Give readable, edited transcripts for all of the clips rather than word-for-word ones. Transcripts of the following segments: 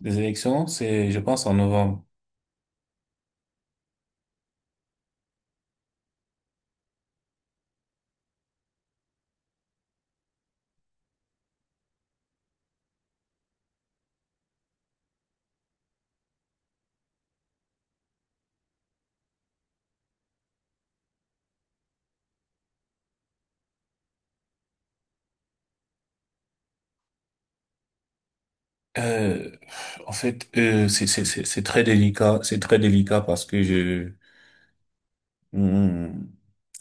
Des élections, c'est, je pense, en novembre. Euh, c'est très délicat, c'est très délicat parce que hmm,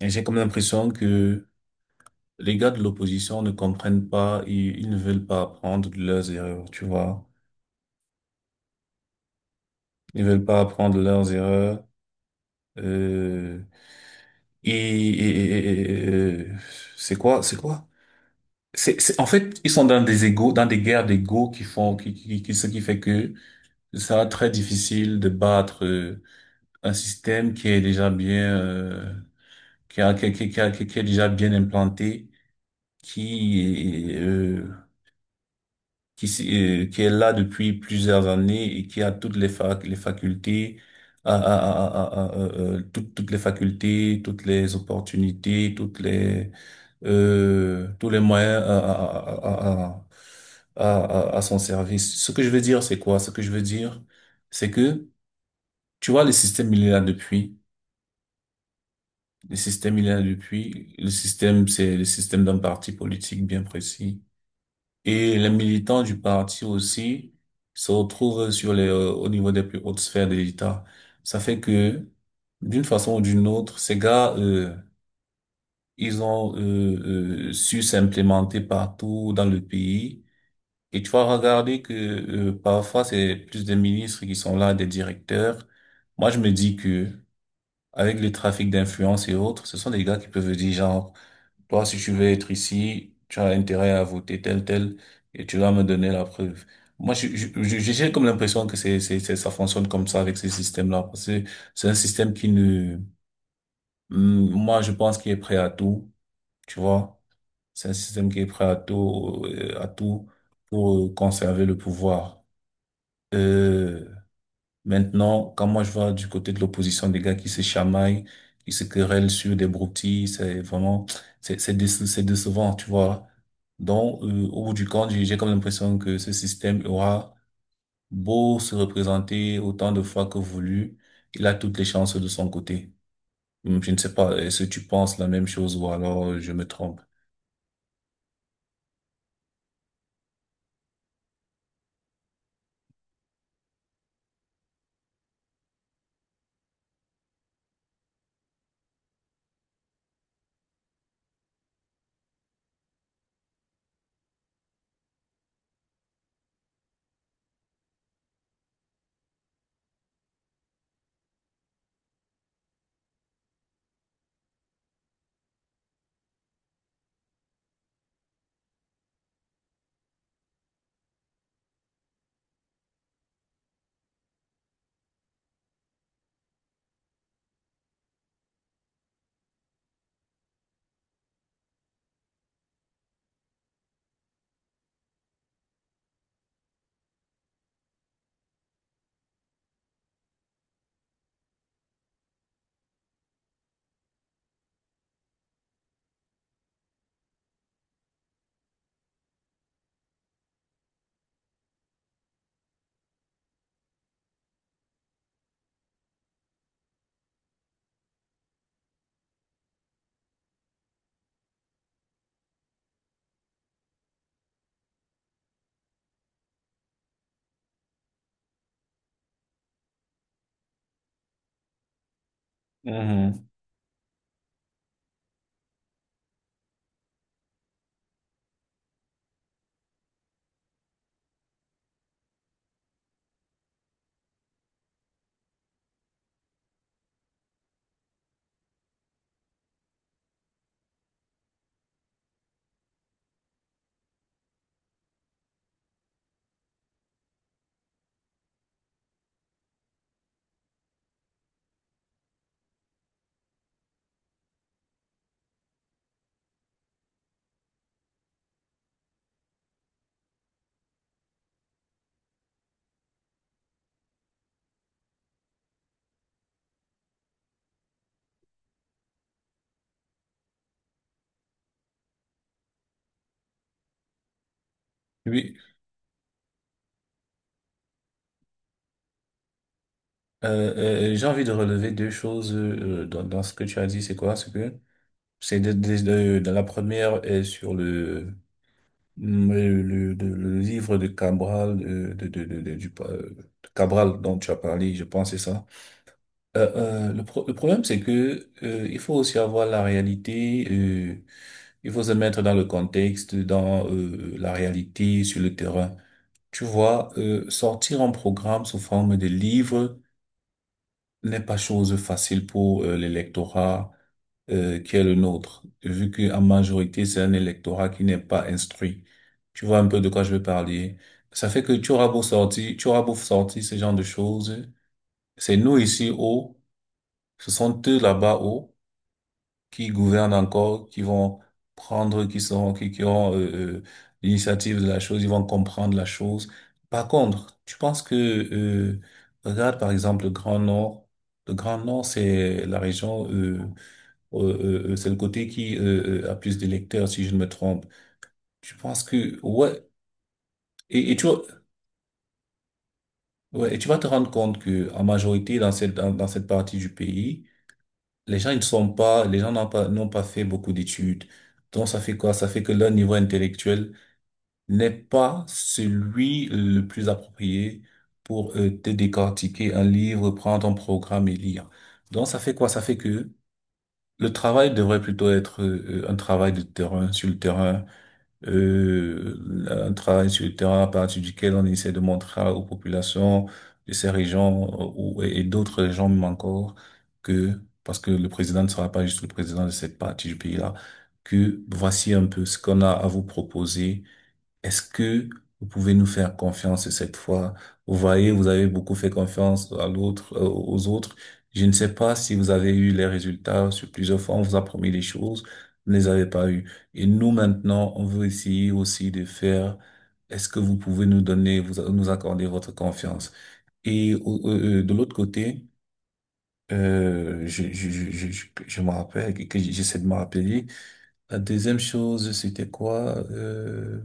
j'ai comme l'impression que les gars de l'opposition ne comprennent pas, ils ne veulent pas apprendre de leurs erreurs, tu vois. Ils ne veulent pas apprendre de leurs erreurs. Euh, et, et- et- et- euh, c'est quoi? En fait, ils sont dans des égos, dans des guerres d'égos qui font, qui- ce qui fait que ça très difficile de battre un système qui est déjà bien, qui a, qui, a- qui, a- qui a- qui est déjà bien implanté, qui est, euh, qui est là depuis plusieurs années et qui a toutes les facultés, toutes les facultés, toutes les opportunités, tous les moyens à son service. Ce que je veux dire, c'est quoi? Ce que je veux dire, c'est que, tu vois, le système, il est là depuis. Le système, il est là depuis. Le système, c'est le système d'un parti politique bien précis. Et les militants du parti aussi se retrouvent au niveau des plus hautes sphères de l'État. Ça fait que, d'une façon ou d'une autre, ils ont su s'implémenter partout dans le pays. Et tu vas regarder que parfois, c'est plus des ministres qui sont là, des directeurs. Moi, je me dis que, avec le trafic d'influence et autres, ce sont des gars qui peuvent dire genre, toi, si tu veux être ici, tu as intérêt à voter tel, tel, et tu vas me donner la preuve. Moi, j'ai comme l'impression que ça fonctionne comme ça avec ces systèmes-là, parce que c'est un système qui ne, Hmm, moi, je pense qu'il est prêt à tout, tu vois. C'est un système qui est prêt à tout pour conserver le pouvoir. Euh, Maintenant, quand moi je vois du côté de l'opposition des gars qui se chamaillent, qui se querellent sur des broutilles, c'est vraiment, c'est décevant, tu vois. Donc, au bout du compte, j'ai comme l'impression que ce système aura beau se représenter autant de fois que voulu, il a toutes les chances de son côté. Je ne sais pas, est-ce que tu penses la même chose ou alors je me trompe? Mhm. Oui, j'ai envie de relever deux choses dans ce que tu as dit. C'est quoi, ce que? C'est de la première est sur le, le livre de Cabral, de Cabral dont tu as parlé, je pense, c'est ça. Le problème, c'est que il faut aussi avoir la réalité, il faut se mettre dans le contexte, dans la réalité sur le terrain. Tu vois, sortir un programme sous forme de livre n'est pas chose facile pour l'électorat qui est le nôtre, vu qu'en majorité, c'est un électorat qui n'est pas instruit. Tu vois un peu de quoi je veux parler. Ça fait que tu auras beau sortir, tu auras beau sortir ce genre de choses. C'est nous ici haut, ce sont eux là-bas haut qui gouvernent encore, qui vont prendre, qui ont l'initiative de la chose, ils vont comprendre la chose. Par contre, tu penses que, regarde par exemple le Grand Nord. Le Grand Nord, c'est la région, euh, c'est le côté qui a plus d'électeurs, si je ne me trompe. Tu penses que, ouais, et tu, ouais, et tu vas te rendre compte que en majorité dans dans cette partie du pays. Les gens n'ont pas fait beaucoup d'études. Donc, ça fait quoi? Ça fait que leur niveau intellectuel n'est pas celui le plus approprié pour te décortiquer un livre, prendre un programme et lire. Donc, ça fait quoi? Ça fait que le travail devrait plutôt être un travail de terrain, sur le terrain, un travail sur le terrain à partir duquel on essaie de montrer aux populations de ces régions et d'autres régions même encore que, parce que le président ne sera pas juste le président de cette partie du pays-là, que voici un peu ce qu'on a à vous proposer. Est-ce que vous pouvez nous faire confiance cette fois? Vous voyez, vous avez beaucoup fait confiance à l'autre, aux autres. Je ne sais pas si vous avez eu les résultats sur plusieurs fois. On vous a promis des choses, vous ne les avez pas eues. Et nous, maintenant, on veut essayer aussi de faire. Est-ce que vous pouvez nous donner, vous, nous accorder votre confiance? Et de l'autre côté, je me rappelle, que j'essaie de me rappeler. La deuxième chose, c'était quoi?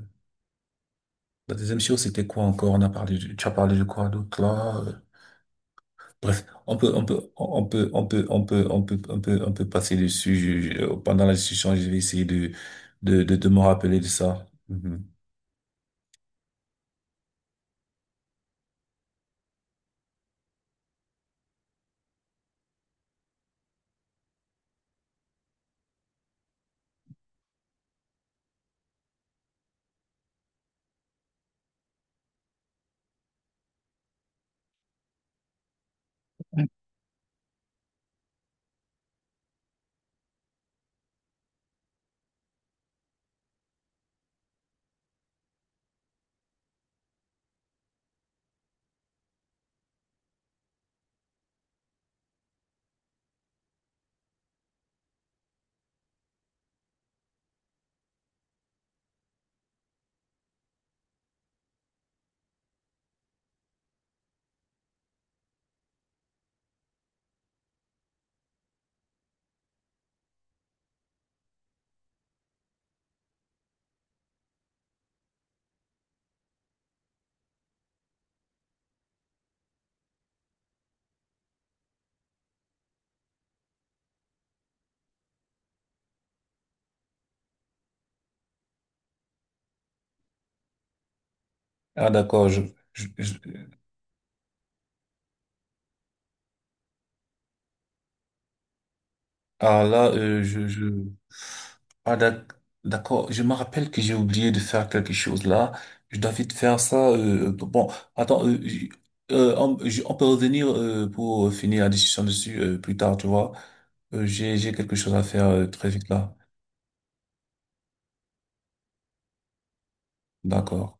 La deuxième chose, c'était quoi encore? On a parlé du- tu as parlé de quoi d'autre là? Bref, on peut, on peut, on peut, on peut, on peut, on peut, on peut, on peut passer dessus. Pendant la discussion, je vais essayer de me rappeler de ça. Mhm. Ah, d'accord, je, je- ah là, Ah d'ac- d'accord, je me rappelle que j'ai oublié de faire quelque chose là. Je dois vite faire ça. Bon, attends, on peut revenir pour finir la discussion dessus plus tard, tu vois. J'ai quelque chose à faire très vite là. D'accord.